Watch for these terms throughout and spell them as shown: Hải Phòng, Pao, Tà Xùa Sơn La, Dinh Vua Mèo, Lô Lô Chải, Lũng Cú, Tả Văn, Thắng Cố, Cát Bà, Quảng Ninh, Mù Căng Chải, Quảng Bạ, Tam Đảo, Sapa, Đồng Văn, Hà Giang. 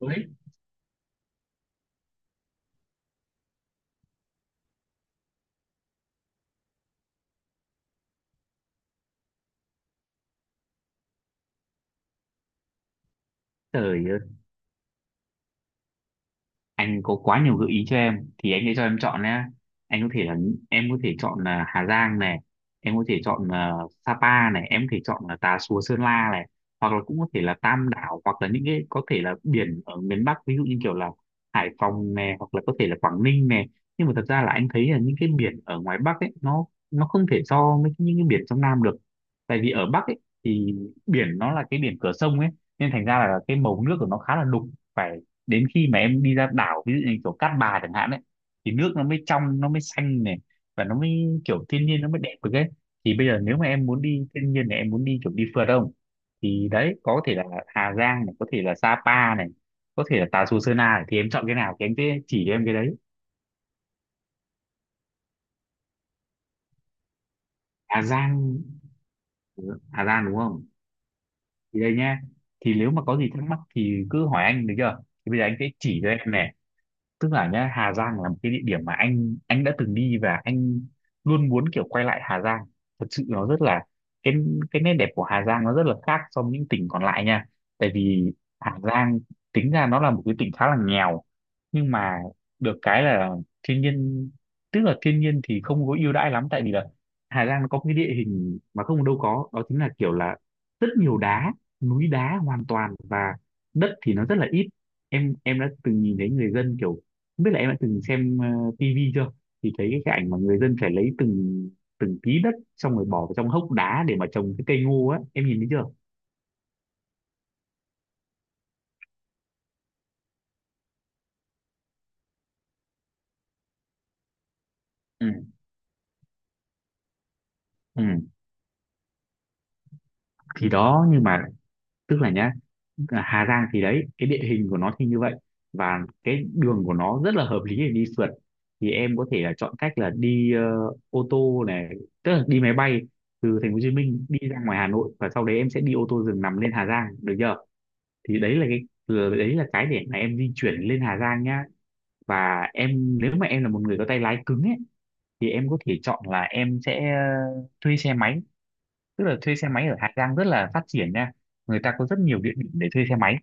Ôi, trời ơi, anh có quá nhiều gợi ý cho em thì anh sẽ cho em chọn nhé. Anh có thể là em có thể chọn là Hà Giang này, em có thể chọn là Sapa này, em có thể chọn là Tà Xùa Sơn La này, hoặc là cũng có thể là Tam Đảo hoặc là những cái có thể là biển ở miền Bắc ví dụ như kiểu là Hải Phòng này hoặc là có thể là Quảng Ninh này. Nhưng mà thật ra là anh thấy là những cái biển ở ngoài Bắc ấy nó không thể so với những cái biển trong Nam được. Tại vì ở Bắc ấy thì biển nó là cái biển cửa sông ấy, nên thành ra là cái màu nước của nó khá là đục, phải đến khi mà em đi ra đảo ví dụ như kiểu Cát Bà chẳng hạn ấy thì nước nó mới trong, nó mới xanh này, và nó mới kiểu thiên nhiên nó mới đẹp được ấy. Thì bây giờ nếu mà em muốn đi thiên nhiên này, em muốn đi kiểu đi phượt không, thì đấy có thể là Hà Giang này, có thể là Sapa này, có thể là Tà Xùa Sơn Na này, thì em chọn cái nào thì em sẽ chỉ cho em cái đấy. Hà Giang Hà Giang đúng không, thì đây nhá, thì nếu mà có gì thắc mắc thì cứ hỏi anh được chưa. Thì bây giờ anh sẽ chỉ cho em này, tức là nhá, Hà Giang là một cái địa điểm mà anh đã từng đi và anh luôn muốn kiểu quay lại Hà Giang. Thật sự nó rất là cái cái nét đẹp của Hà Giang nó rất là khác so với những tỉnh còn lại nha. Tại vì Hà Giang tính ra nó là một cái tỉnh khá là nghèo nhưng mà được cái là thiên nhiên, tức là thiên nhiên thì không có ưu đãi lắm, tại vì là Hà Giang nó có một cái địa hình mà không đâu có, đó chính là kiểu là rất nhiều đá, núi đá hoàn toàn, và đất thì nó rất là ít. Em đã từng nhìn thấy người dân kiểu không biết là em đã từng xem tivi chưa, thì thấy cái ảnh mà người dân phải lấy từng từng tí đất xong rồi bỏ vào trong hốc đá để mà trồng cái cây ngô á, em nhìn thấy chưa. ừ ừ. Thì đó, nhưng mà tức là nhá, à, Hà Giang thì đấy cái địa hình của nó thì như vậy, và cái đường của nó rất là hợp lý để đi phượt. Thì em có thể là chọn cách là đi ô tô này, tức là đi máy bay từ thành phố Hồ Chí Minh đi ra ngoài Hà Nội và sau đấy em sẽ đi ô tô giường nằm lên Hà Giang được chưa. Thì đấy là đấy là cái để mà em di chuyển lên Hà Giang nhá. Và em nếu mà em là một người có tay lái cứng ấy thì em có thể chọn là em sẽ thuê xe máy, tức là thuê xe máy ở Hà Giang rất là phát triển nha, người ta có rất nhiều địa điểm để thuê xe máy.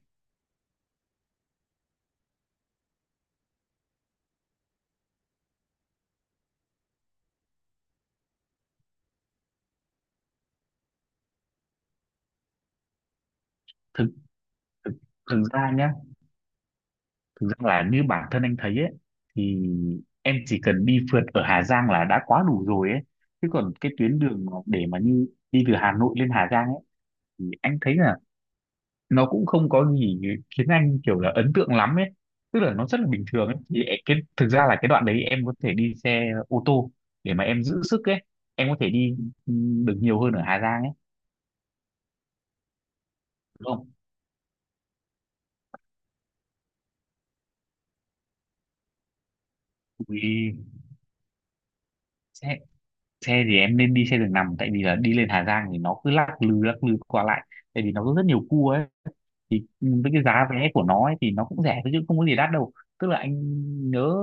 Thực thực, Thực ra nhá, thực ra là như bản thân anh thấy ấy thì em chỉ cần đi phượt ở Hà Giang là đã quá đủ rồi ấy, chứ còn cái tuyến đường mà để mà như đi từ Hà Nội lên Hà Giang ấy thì anh thấy là nó cũng không có gì khiến anh kiểu là ấn tượng lắm ấy, tức là nó rất là bình thường ấy. Thì cái thực ra là cái đoạn đấy em có thể đi xe ô tô để mà em giữ sức ấy, em có thể đi ừ, được nhiều hơn ở Hà Giang ấy, đúng không. Vì xe xe thì em nên đi xe đường nằm, tại vì là đi lên Hà Giang thì nó cứ lắc lư qua lại, tại vì nó có rất nhiều cua ấy. Thì với cái giá vé của nó ấy thì nó cũng rẻ thôi chứ không có gì đắt đâu, tức là anh nhớ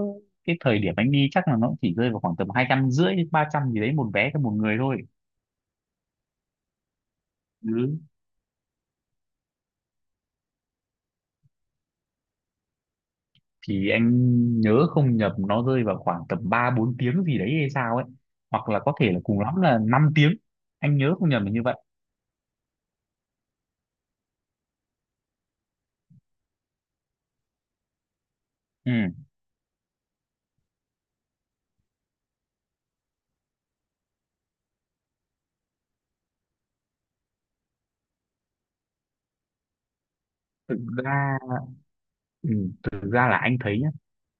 cái thời điểm anh đi chắc là nó chỉ rơi vào khoảng tầm 250 đến 300 gì đấy, một vé cho một người thôi. Ừ. Thì anh nhớ không nhầm nó rơi vào khoảng tầm 3 4 tiếng gì đấy hay sao ấy. Hoặc là có thể là cùng lắm là 5 tiếng. Anh nhớ không nhầm là như vậy. Ừ. Thực ra Ừ, thực ra là anh thấy nhá,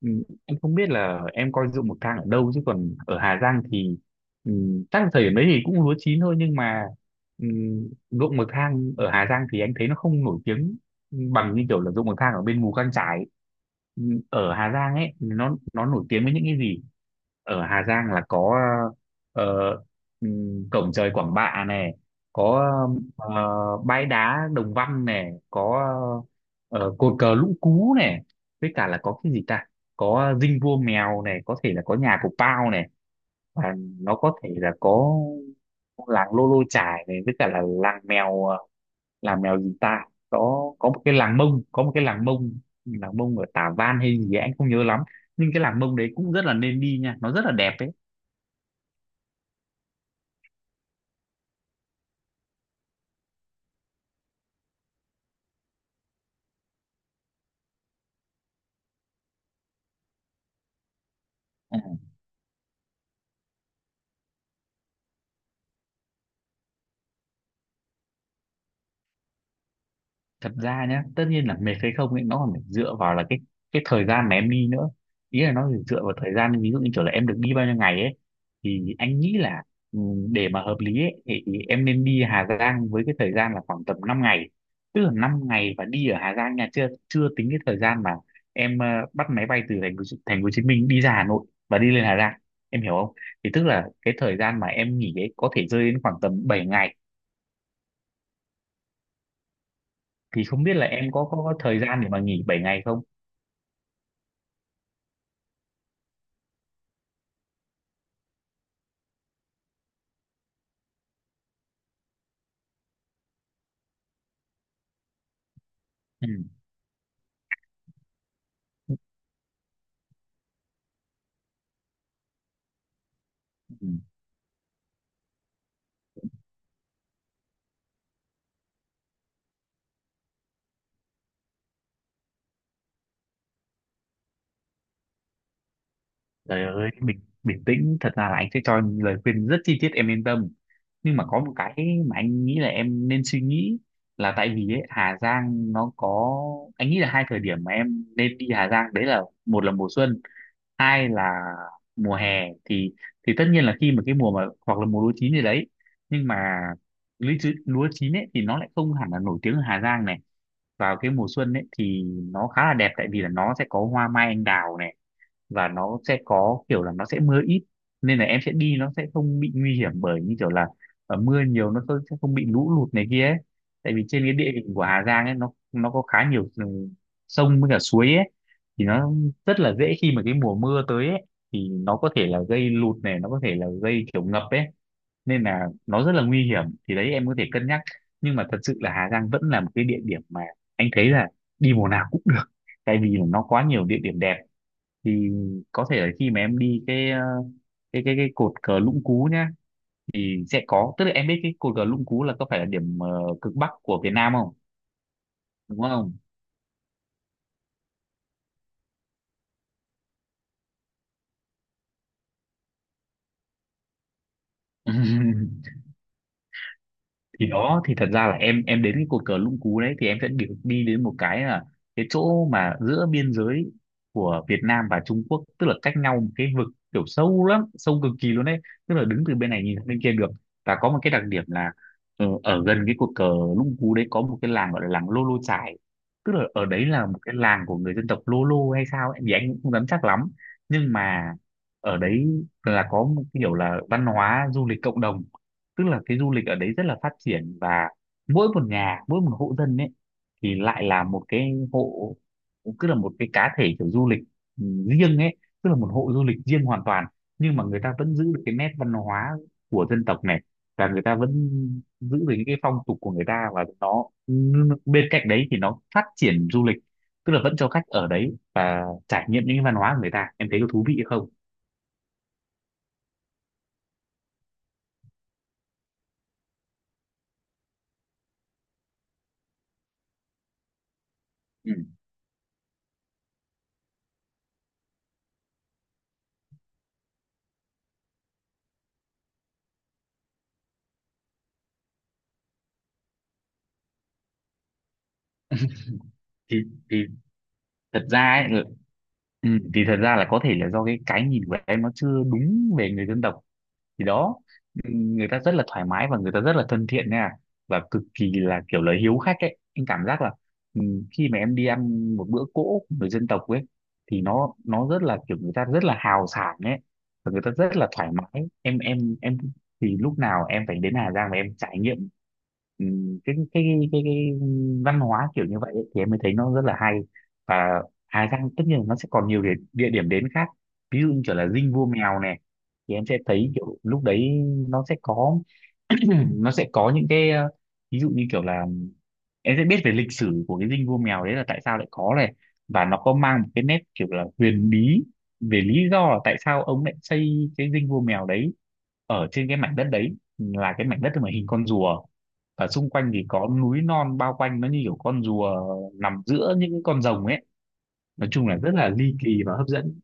ừ, anh không biết là em coi ruộng bậc thang ở đâu chứ còn ở Hà Giang thì ừ, chắc là thời điểm đấy thì cũng lúa chín thôi, nhưng mà ừ, ruộng bậc thang ở Hà Giang thì anh thấy nó không nổi tiếng bằng như kiểu là ruộng bậc thang ở bên Mù Căng Chải. Ừ, Ở Hà Giang ấy nó nổi tiếng với những cái gì, ở Hà Giang là có ờ, cổng trời Quảng Bạ này, có ờ, bãi đá Đồng Văn này, có cột cờ Lũng Cú này, với cả là có cái gì ta, có dinh vua mèo này, có thể là có nhà của Pao này, và nó có thể là có làng Lô Lô Chải này, với cả là làng mèo làng mèo gì ta, có một cái làng Mông, có một cái làng Mông, làng Mông ở Tả Văn hay gì ấy, anh không nhớ lắm, nhưng cái làng Mông đấy cũng rất là nên đi nha, nó rất là đẹp đấy. Thật ra nhá, tất nhiên là mệt hay không ấy nó còn phải dựa vào là cái thời gian mà em đi nữa, ý là nó phải dựa vào thời gian, ví dụ như kiểu là em được đi bao nhiêu ngày ấy. Thì anh nghĩ là ừ, để mà hợp lý ấy, thì em nên đi Hà Giang với cái thời gian là khoảng tầm 5 ngày, tức là 5 ngày và đi ở Hà Giang nha, chưa chưa tính cái thời gian mà em bắt máy bay từ thành phố Hồ Chí Minh đi ra Hà Nội và đi lên Hà Giang, em hiểu không. Thì tức là cái thời gian mà em nghỉ ấy có thể rơi đến khoảng tầm 7 ngày, thì không biết là em có thời gian để mà nghỉ 7 ngày không. Ừ. Ừ. Trời ơi, bình bình tĩnh, thật ra là anh sẽ cho em lời khuyên rất chi tiết, em yên tâm. Nhưng mà có một cái mà anh nghĩ là em nên suy nghĩ là tại vì ấy, Hà Giang nó có, anh nghĩ là hai thời điểm mà em nên đi Hà Giang đấy là một là mùa xuân, hai là mùa hè. Thì tất nhiên là khi mà cái mùa mà hoặc là mùa lúa chín gì đấy, nhưng mà lúa chín ấy thì nó lại không hẳn là nổi tiếng ở Hà Giang này. Vào cái mùa xuân ấy thì nó khá là đẹp, tại vì là nó sẽ có hoa mai anh đào này, và nó sẽ có kiểu là nó sẽ mưa ít, nên là em sẽ đi nó sẽ không bị nguy hiểm bởi như kiểu là ở mưa nhiều nó sẽ không bị lũ lụt này kia ấy. Tại vì trên cái địa hình của Hà Giang ấy, nó có khá nhiều sông với cả suối ấy, thì nó rất là dễ khi mà cái mùa mưa tới ấy, thì nó có thể là gây lụt này, nó có thể là gây kiểu ngập ấy, nên là nó rất là nguy hiểm. Thì đấy, em có thể cân nhắc. Nhưng mà thật sự là Hà Giang vẫn là một cái địa điểm mà anh thấy là đi mùa nào cũng được, tại vì là nó quá nhiều địa điểm đẹp. Thì có thể là khi mà em đi cái cột cờ Lũng Cú nhá, thì sẽ có, tức là em biết cái cột cờ Lũng Cú là có phải là điểm cực bắc của Việt Nam không? Đúng không? Thì đó, thì thật ra là em đến cái cột cờ Lũng Cú đấy thì em sẽ đi, đi đến một cái là cái chỗ mà giữa biên giới của Việt Nam và Trung Quốc, tức là cách nhau một cái vực kiểu sâu lắm, sâu cực kỳ luôn đấy, tức là đứng từ bên này nhìn sang bên kia được. Và có một cái đặc điểm là ở gần cái cột cờ Lũng Cú đấy có một cái làng gọi là làng Lô Lô Chải, tức là ở đấy là một cái làng của người dân tộc Lô Lô hay sao ấy, thì anh cũng không dám chắc lắm. Nhưng mà ở đấy là có một kiểu là văn hóa du lịch cộng đồng, tức là cái du lịch ở đấy rất là phát triển, và mỗi một nhà, mỗi một hộ dân ấy, thì lại là một cái hộ, cứ là một cái cá thể kiểu du lịch ừ, riêng ấy, tức là một hộ du lịch riêng hoàn toàn, nhưng mà người ta vẫn giữ được cái nét văn hóa của dân tộc này, và người ta vẫn giữ được những cái phong tục của người ta, và nó bên cạnh đấy thì nó phát triển du lịch, tức là vẫn cho khách ở đấy và trải nghiệm những cái văn hóa của người ta. Em thấy có thú vị không? Ừ. thì thì thật ra ấy, thì thật ra là có thể là do cái nhìn của em nó chưa đúng về người dân tộc. Thì đó, người ta rất là thoải mái và người ta rất là thân thiện nha, và cực kỳ là kiểu là hiếu khách ấy, anh cảm giác là ừ, khi mà em đi ăn một bữa cỗ của người dân tộc ấy, thì nó rất là kiểu người ta rất là hào sảng ấy, và người ta rất là thoải mái. Em thì lúc nào em phải đến Hà Giang và em trải nghiệm ừ, cái cái văn hóa kiểu như vậy ấy, thì em mới thấy nó rất là hay. Và Hà Giang tất nhiên là nó sẽ còn nhiều địa điểm đến khác, ví dụ như kiểu là Dinh Vua Mèo này, thì em sẽ thấy kiểu lúc đấy nó sẽ có nó sẽ có những ví dụ như kiểu là em sẽ biết về lịch sử của cái Dinh Vua Mèo đấy là tại sao lại có này, và nó có mang một cái nét kiểu là huyền bí về lý do là tại sao ông lại xây cái Dinh Vua Mèo đấy ở trên cái mảnh đất đấy là cái mảnh đất mà hình con rùa, và xung quanh thì có núi non bao quanh nó như kiểu con rùa nằm giữa những con rồng ấy. Nói chung là rất là ly kỳ và hấp dẫn.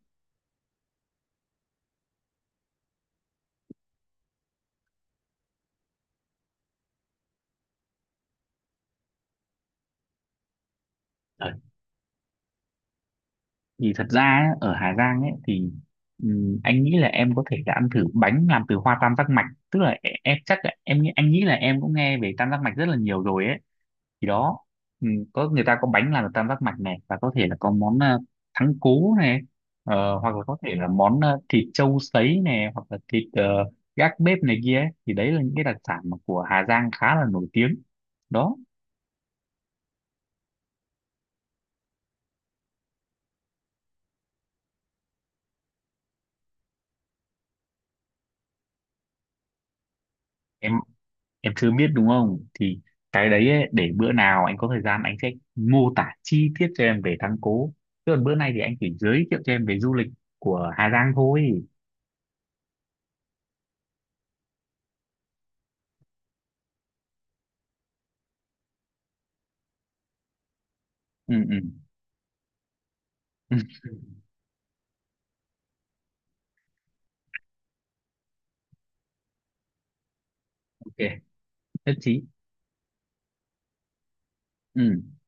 Thì thật ra ấy, ở Hà Giang ấy thì anh nghĩ là em có thể là ăn thử bánh làm từ hoa tam giác mạch, tức là em chắc là em nghĩ, anh nghĩ là em cũng nghe về tam giác mạch rất là nhiều rồi ấy. Thì đó, có, người ta có bánh làm từ tam giác mạch này, và có thể là có món thắng cố này, hoặc là có thể là món thịt trâu sấy này, hoặc là thịt gác bếp này kia ấy. Thì đấy là những cái đặc sản mà của Hà Giang khá là nổi tiếng. Đó. em em chưa biết đúng không? Thì cái đấy ấy, để bữa nào anh có thời gian anh sẽ mô tả chi tiết cho em về thắng cố, chứ còn bữa nay thì anh chỉ giới thiệu cho em về du lịch của Hà Giang thôi. Ừ. Ừ. OK, nhất trí. Ừ.